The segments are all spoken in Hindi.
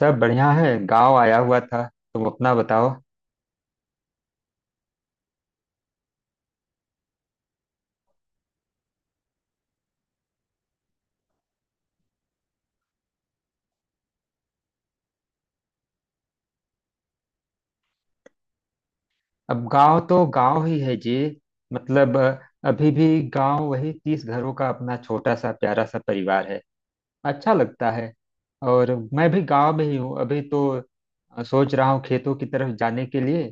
सब बढ़िया है, गांव आया हुआ था। तुम अपना बताओ। अब गांव तो गांव ही है जी। मतलब अभी भी गांव वही 30 घरों का अपना छोटा सा प्यारा सा परिवार है। अच्छा लगता है। और मैं भी गांव में ही हूँ अभी तो। सोच रहा हूँ खेतों की तरफ जाने के लिए।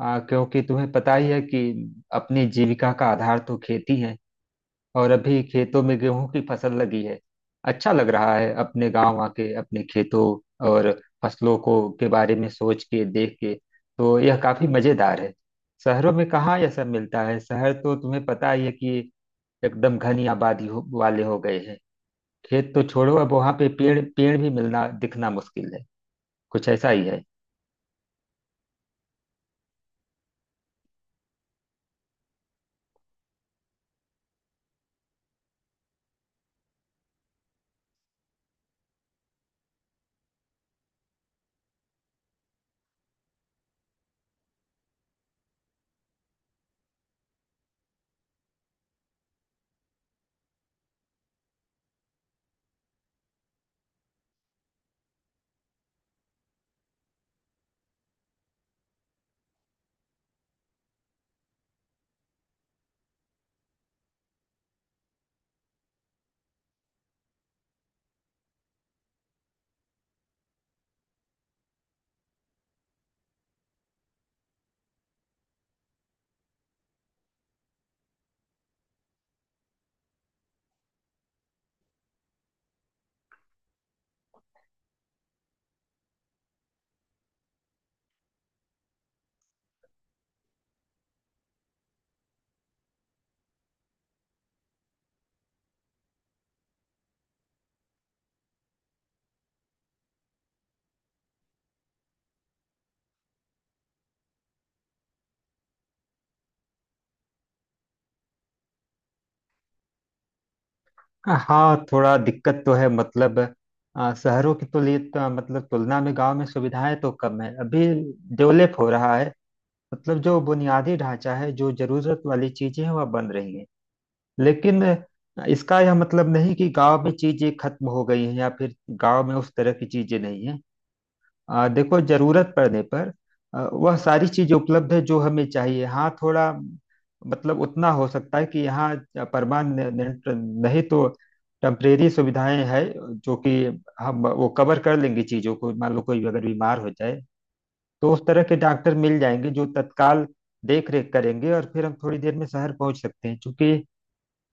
क्योंकि तुम्हें पता ही है कि अपनी जीविका का आधार तो खेती है। और अभी खेतों में गेहूं की फसल लगी है। अच्छा लग रहा है अपने गांव आके अपने खेतों और फसलों को के बारे में सोच के देख के। तो यह काफी मजेदार है। शहरों में कहाँ यह सब मिलता है। शहर तो तुम्हें पता ही है कि एकदम घनी आबादी हो, वाले हो गए हैं। खेत तो छोड़ो, अब वहां पे पेड़ पेड़ भी मिलना दिखना मुश्किल है। कुछ ऐसा ही है। हाँ, थोड़ा दिक्कत तो है। मतलब शहरों की तुलना में गांव में सुविधाएं तो कम है अभी। डेवलप हो रहा है। मतलब जो बुनियादी ढांचा है, जो जरूरत वाली चीजें हैं, वह बन रही हैं। लेकिन इसका यह मतलब नहीं कि गांव में चीजें खत्म हो गई हैं या फिर गांव में उस तरह की चीजें नहीं हैं। देखो, जरूरत पड़ने पर वह सारी चीजें उपलब्ध है जो हमें चाहिए। हाँ, थोड़ा मतलब उतना हो सकता है कि यहाँ परमानेंट नहीं तो टेम्परेरी सुविधाएं हैं, जो कि हम वो कवर कर लेंगे चीजों को। मान लो कोई अगर बीमार हो जाए तो उस तरह के डॉक्टर मिल जाएंगे जो तत्काल देख रेख करेंगे, और फिर हम थोड़ी देर में शहर पहुंच सकते हैं, क्योंकि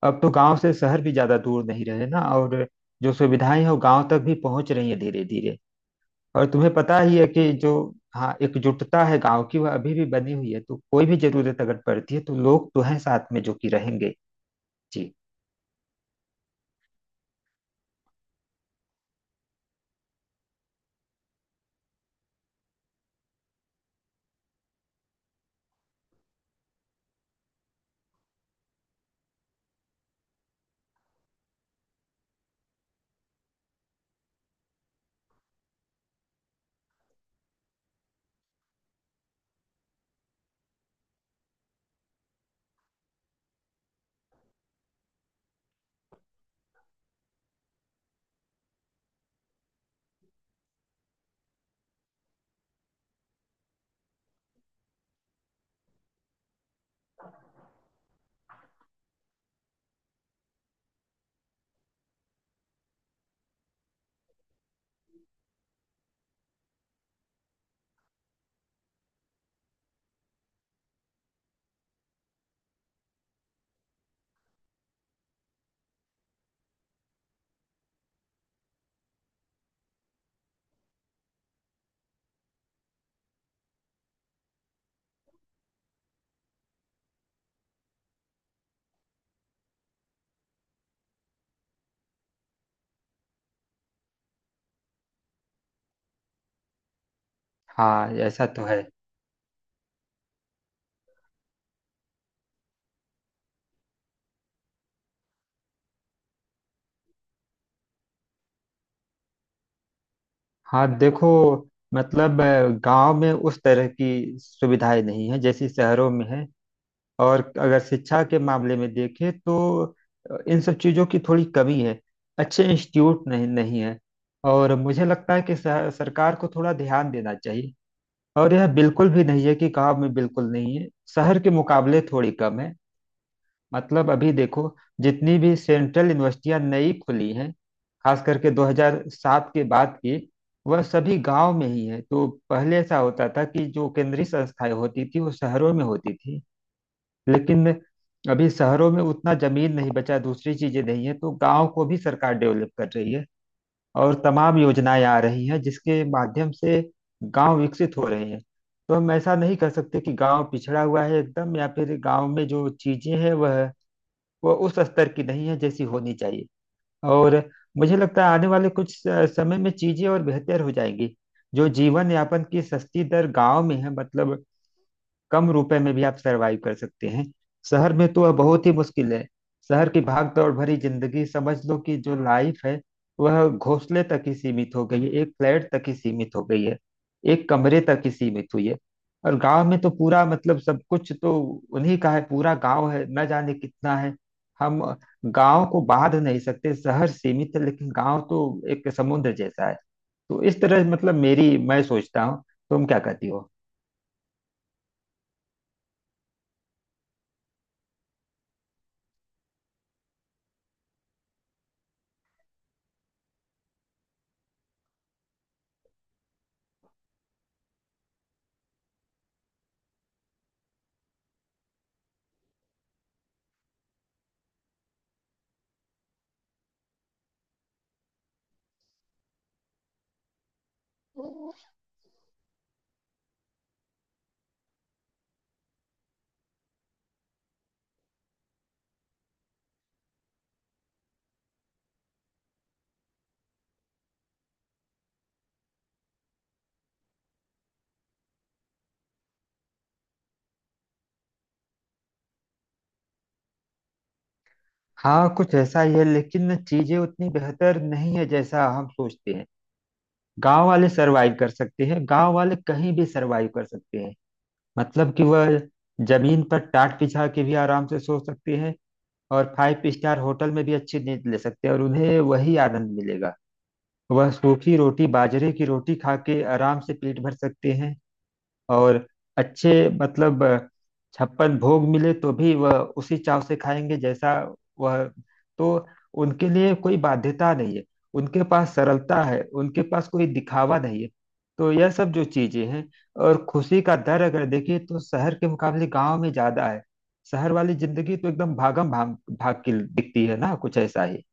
अब तो गांव से शहर भी ज्यादा दूर नहीं रहे ना। और जो सुविधाएं हैं वो गांव तक भी पहुंच रही है धीरे धीरे। और तुम्हें पता ही है कि जो हाँ एकजुटता है गांव की वह अभी भी बनी हुई है, तो कोई भी जरूरत अगर पड़ती है तो लोग तो हैं साथ में जो कि रहेंगे। जी। हाँ, ऐसा तो है। हाँ, देखो, मतलब गांव में उस तरह की सुविधाएं नहीं है जैसी शहरों में है। और अगर शिक्षा के मामले में देखें तो इन सब चीज़ों की थोड़ी कमी है। अच्छे इंस्टीट्यूट नहीं नहीं है। और मुझे लगता है कि सरकार को थोड़ा ध्यान देना चाहिए। और यह बिल्कुल भी नहीं है कि गांव में बिल्कुल नहीं है। शहर के मुकाबले थोड़ी कम है। मतलब अभी देखो, जितनी भी सेंट्रल यूनिवर्सिटियां नई खुली हैं, खास करके 2007 के बाद की, वह सभी गांव में ही है। तो पहले ऐसा होता था कि जो केंद्रीय संस्थाएं होती थी वो शहरों में होती थी। लेकिन अभी शहरों में उतना जमीन नहीं बचा, दूसरी चीजें नहीं है, तो गांव को भी सरकार डेवलप कर रही है। और तमाम योजनाएं आ रही हैं जिसके माध्यम से गांव विकसित हो रहे हैं। तो हम ऐसा नहीं कर सकते कि गांव पिछड़ा हुआ है एकदम, या फिर गांव में जो चीजें हैं वह उस स्तर की नहीं है जैसी होनी चाहिए। और मुझे लगता है आने वाले कुछ समय में चीजें और बेहतर हो जाएंगी। जो जीवन यापन की सस्ती दर गांव में है, मतलब कम रुपए में भी आप सरवाइव कर सकते हैं, शहर में तो वह बहुत ही मुश्किल है। शहर की भाग दौड़ भरी जिंदगी, समझ लो कि जो लाइफ है, वह घोंसले तक ही सीमित हो गई है, एक फ्लैट तक ही सीमित हो गई है, एक कमरे तक ही सीमित हुई है। और गांव में तो पूरा मतलब सब कुछ तो उन्हीं का है, पूरा गांव है, न जाने कितना है। हम गांव को बांध नहीं सकते। शहर सीमित है, लेकिन गांव तो एक समुद्र जैसा है। तो इस तरह मतलब मेरी मैं सोचता हूँ। तुम क्या कहती हो? हाँ, कुछ ऐसा ही है, लेकिन चीजें उतनी बेहतर नहीं है जैसा हम सोचते हैं। गांव वाले सरवाइव कर सकते हैं, गांव वाले कहीं भी सरवाइव कर सकते हैं। मतलब कि वह जमीन पर टाट बिछा के भी आराम से सो सकते हैं, और फाइव स्टार होटल में भी अच्छी नींद ले सकते हैं और उन्हें वही आनंद मिलेगा। वह सूखी रोटी बाजरे की रोटी खा के आराम से पेट भर सकते हैं। और अच्छे मतलब छप्पन भोग मिले तो भी वह उसी चाव से खाएंगे जैसा वह। तो उनके लिए कोई बाध्यता नहीं है। उनके पास सरलता है, उनके पास कोई दिखावा नहीं है। तो यह सब जो चीजें हैं, और खुशी का दर अगर देखें तो शहर के मुकाबले गांव में ज्यादा है। शहर वाली जिंदगी तो एकदम भागम भाग भाग की दिखती है ना, कुछ ऐसा ही।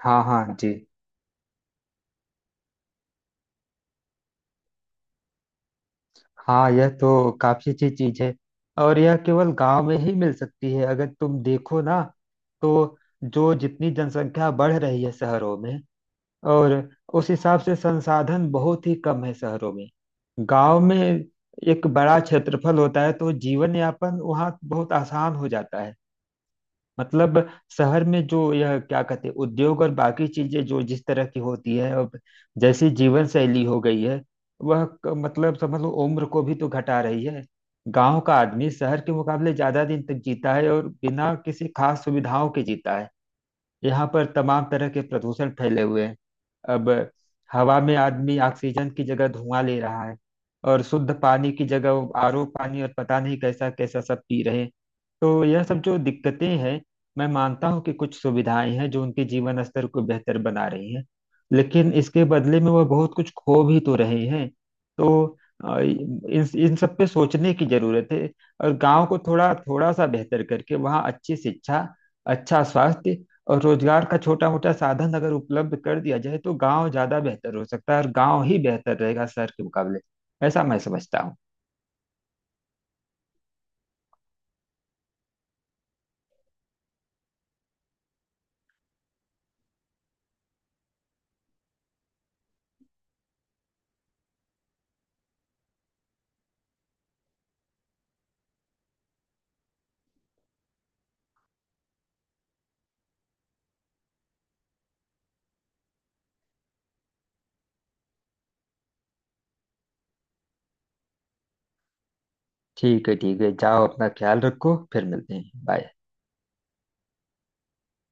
हाँ हाँ जी। हाँ, यह तो काफी अच्छी चीज है, और यह केवल गांव में ही मिल सकती है अगर तुम देखो ना। तो जो जितनी जनसंख्या बढ़ रही है शहरों में, और उस हिसाब से संसाधन बहुत ही कम है शहरों में। गांव में एक बड़ा क्षेत्रफल होता है तो जीवन यापन वहाँ बहुत आसान हो जाता है। मतलब शहर में जो यह क्या कहते हैं उद्योग और बाकी चीजें जो जिस तरह की होती है अब, जैसी जीवन शैली हो गई है, वह मतलब समझ लो उम्र को भी तो घटा रही है। गांव का आदमी शहर के मुकाबले ज्यादा दिन तक जीता है और बिना किसी खास सुविधाओं के जीता है। यहाँ पर तमाम तरह के प्रदूषण फैले हुए हैं। अब हवा में आदमी ऑक्सीजन की जगह धुआं ले रहा है, और शुद्ध पानी की जगह आरओ पानी और पता नहीं कैसा कैसा सब पी रहे हैं। तो यह सब जो दिक्कतें हैं, मैं मानता हूँ कि कुछ सुविधाएं हैं जो उनके जीवन स्तर को बेहतर बना रही हैं, लेकिन इसके बदले में वह बहुत कुछ खो भी तो रहे हैं। तो इन इन सब पे सोचने की जरूरत है। और गांव को थोड़ा थोड़ा सा बेहतर करके वहाँ अच्छी शिक्षा, अच्छा स्वास्थ्य और रोजगार का छोटा मोटा साधन अगर उपलब्ध कर दिया जाए तो गांव ज्यादा बेहतर हो सकता है, और गांव ही बेहतर रहेगा शहर के मुकाबले। ऐसा मैं समझता हूँ। ठीक है, ठीक है, जाओ अपना ख्याल रखो। फिर मिलते हैं। बाय।